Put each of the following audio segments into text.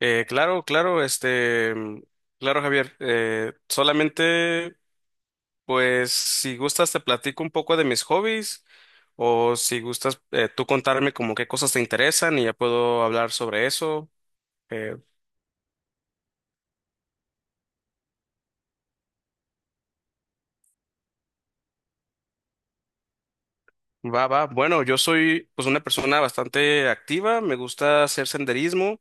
Claro, claro, claro, Javier. Solamente, pues, si gustas, te platico un poco de mis hobbies, o si gustas, tú contarme como qué cosas te interesan y ya puedo hablar sobre eso. Eh, Va, va. Bueno, yo soy, pues, una persona bastante activa. Me gusta hacer senderismo.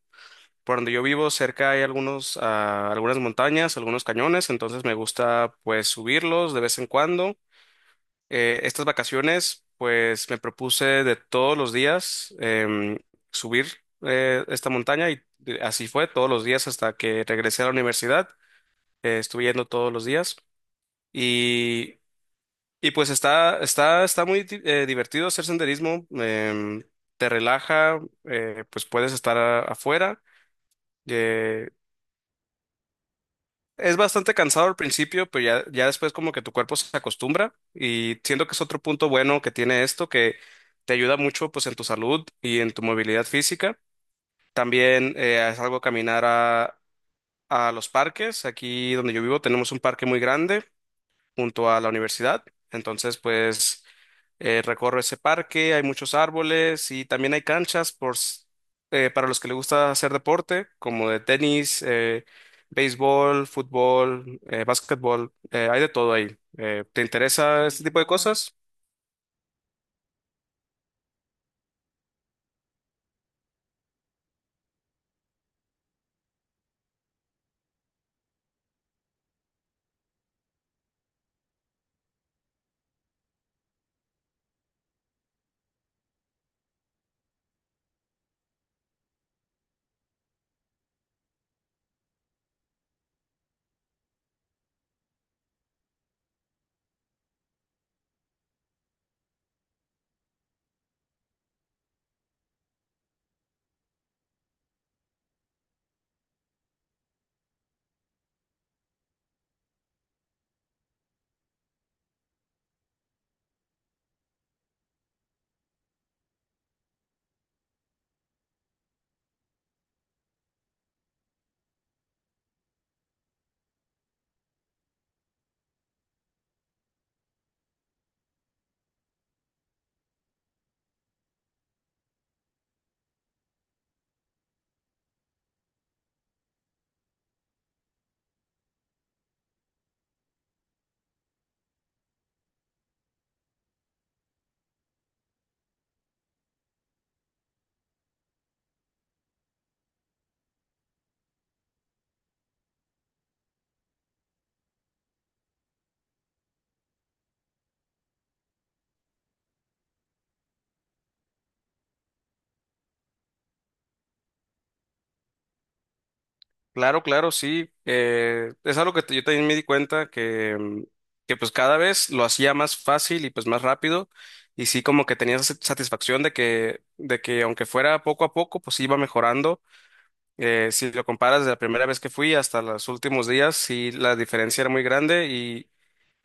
Por donde yo vivo, cerca hay algunos, algunas montañas, algunos cañones, entonces me gusta, pues, subirlos de vez en cuando. Estas vacaciones, pues me propuse de todos los días subir esta montaña y así fue todos los días hasta que regresé a la universidad. Estuve yendo todos los días y, y pues está muy divertido hacer senderismo. Te relaja, pues puedes estar afuera. eh, Es bastante cansado al principio, pero ya después como que tu cuerpo se acostumbra y siento que es otro punto bueno que tiene esto, que te ayuda mucho pues en tu salud y en tu movilidad física. También es algo caminar a los parques. Aquí donde yo vivo tenemos un parque muy grande junto a la universidad. Entonces, pues recorro ese parque, hay muchos árboles y también hay canchas por, para los que les gusta hacer deporte, como de tenis, béisbol, fútbol, básquetbol, hay de todo ahí. ¿Te interesa este tipo de cosas? Claro, claro, sí. Es algo que yo también me di cuenta que, que pues cada vez lo hacía más fácil y pues más rápido y sí como que tenía esa satisfacción de que aunque fuera poco a poco pues iba mejorando. Si lo comparas de la primera vez que fui hasta los últimos días, sí la diferencia era muy grande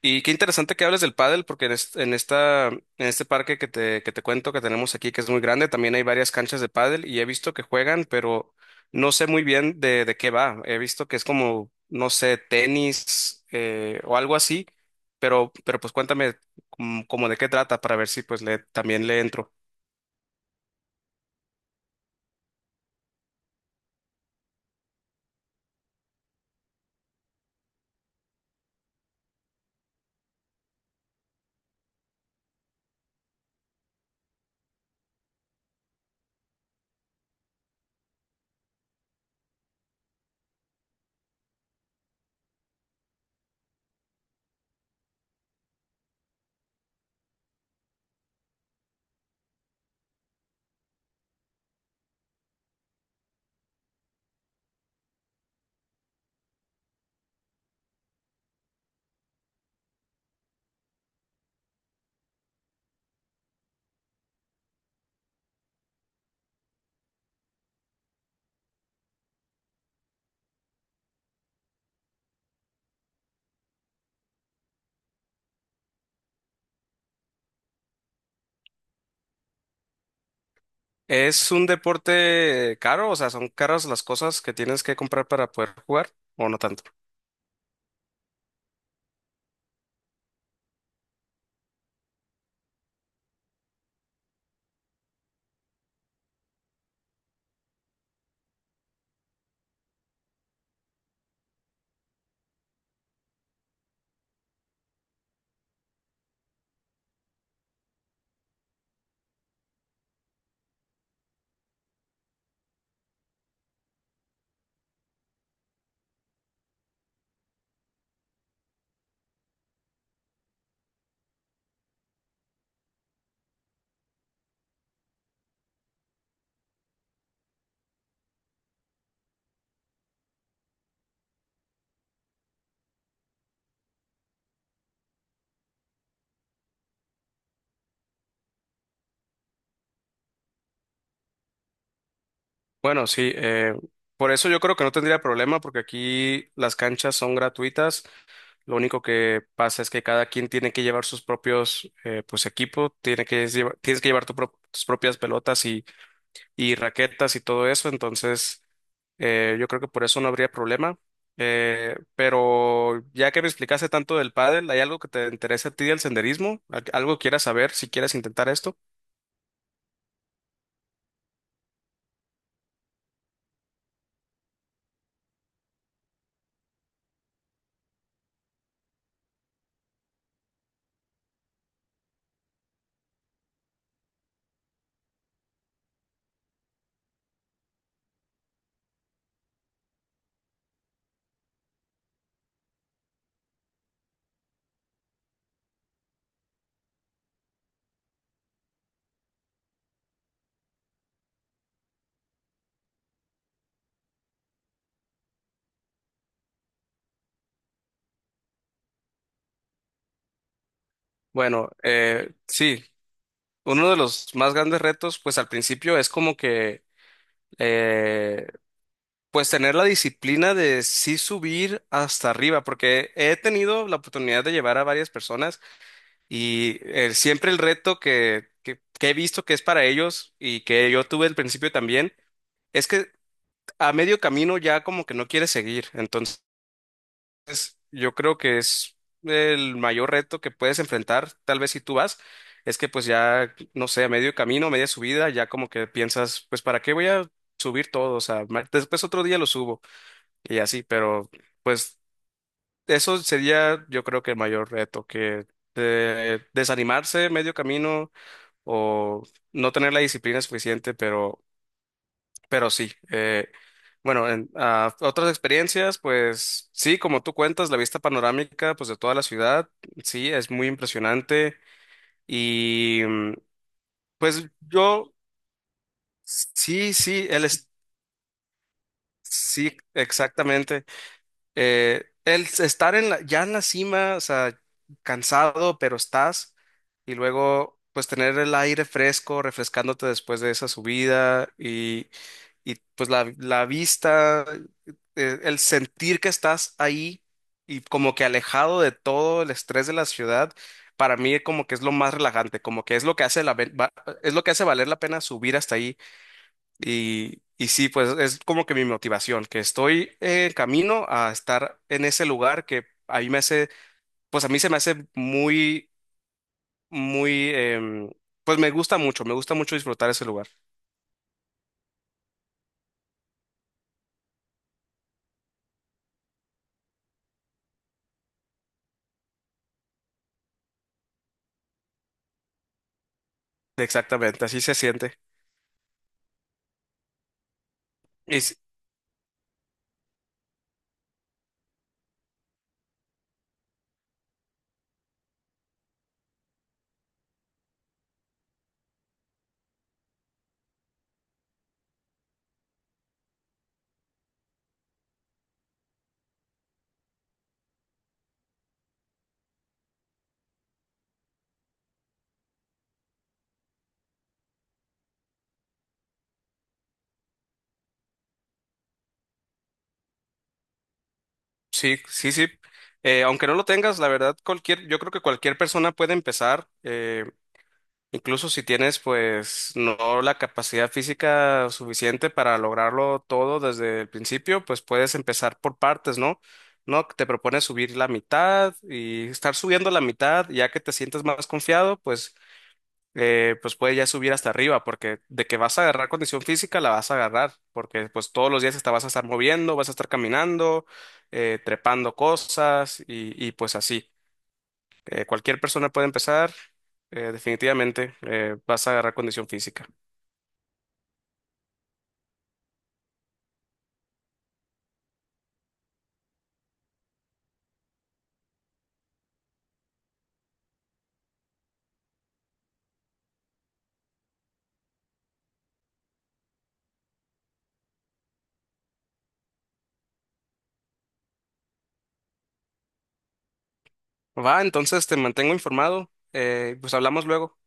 y qué interesante que hables del pádel, porque en esta, en este parque que te cuento que tenemos aquí, que es muy grande, también hay varias canchas de pádel y he visto que juegan, pero no sé muy bien de qué va. He visto que es como, no sé, tenis o algo así, pero pues cuéntame como, como de qué trata para ver si pues le, también le entro. ¿Es un deporte caro? O sea, ¿son caras las cosas que tienes que comprar para poder jugar o no tanto? Bueno, sí, por eso yo creo que no tendría problema porque aquí las canchas son gratuitas. Lo único que pasa es que cada quien tiene que llevar sus propios pues equipo, tiene que llevar, tienes que llevar tus propias pelotas y raquetas y todo eso. Entonces, yo creo que por eso no habría problema. Pero ya que me explicaste tanto del pádel, ¿hay algo que te interese a ti del senderismo? Algo quieras saber si quieres intentar esto? Bueno, sí. Uno de los más grandes retos, pues al principio es como que, eh, pues tener la disciplina de sí subir hasta arriba, porque he tenido la oportunidad de llevar a varias personas y siempre el reto que he visto que es para ellos y que yo tuve al principio también, es que a medio camino ya como que no quieres seguir. Entonces, yo creo que es el mayor reto que puedes enfrentar, tal vez si tú vas, es que pues ya, no sé, a medio camino, media subida, ya como que piensas, pues ¿para qué voy a subir todo? O sea, después otro día lo subo y así, pero pues eso sería yo creo que el mayor reto, que desanimarse medio camino o no tener la disciplina suficiente, pero sí, bueno, otras experiencias, pues sí, como tú cuentas, la vista panorámica, pues de toda la ciudad, sí, es muy impresionante. Y mm, pues yo, sí, sí, él es, sí, exactamente. El estar en la, ya en la cima, o sea, cansado, pero estás, y luego, pues tener el aire fresco, refrescándote después de esa subida y pues la vista, el sentir que estás ahí y como que alejado de todo el estrés de la ciudad, para mí como que es lo más relajante, como que es lo que hace es lo que hace valer la pena subir hasta ahí. Y sí, pues es como que mi motivación, que estoy en camino a estar en ese lugar que a mí me hace, pues a mí se me hace muy, muy, pues me gusta mucho disfrutar ese lugar. Exactamente, así se siente. Y sí, sí, sí. Aunque no lo tengas, la verdad, cualquier, yo creo que cualquier persona puede empezar, incluso si tienes, pues, no la capacidad física suficiente para lograrlo todo desde el principio, pues puedes empezar por partes, ¿no? No, te propones subir la mitad y estar subiendo la mitad, ya que te sientes más confiado, pues pues puede ya subir hasta arriba, porque de que vas a agarrar condición física la vas a agarrar, porque pues todos los días te vas a estar moviendo, vas a estar caminando, trepando cosas y pues así. Cualquier persona puede empezar, definitivamente vas a agarrar condición física. Va, entonces te mantengo informado, pues hablamos luego.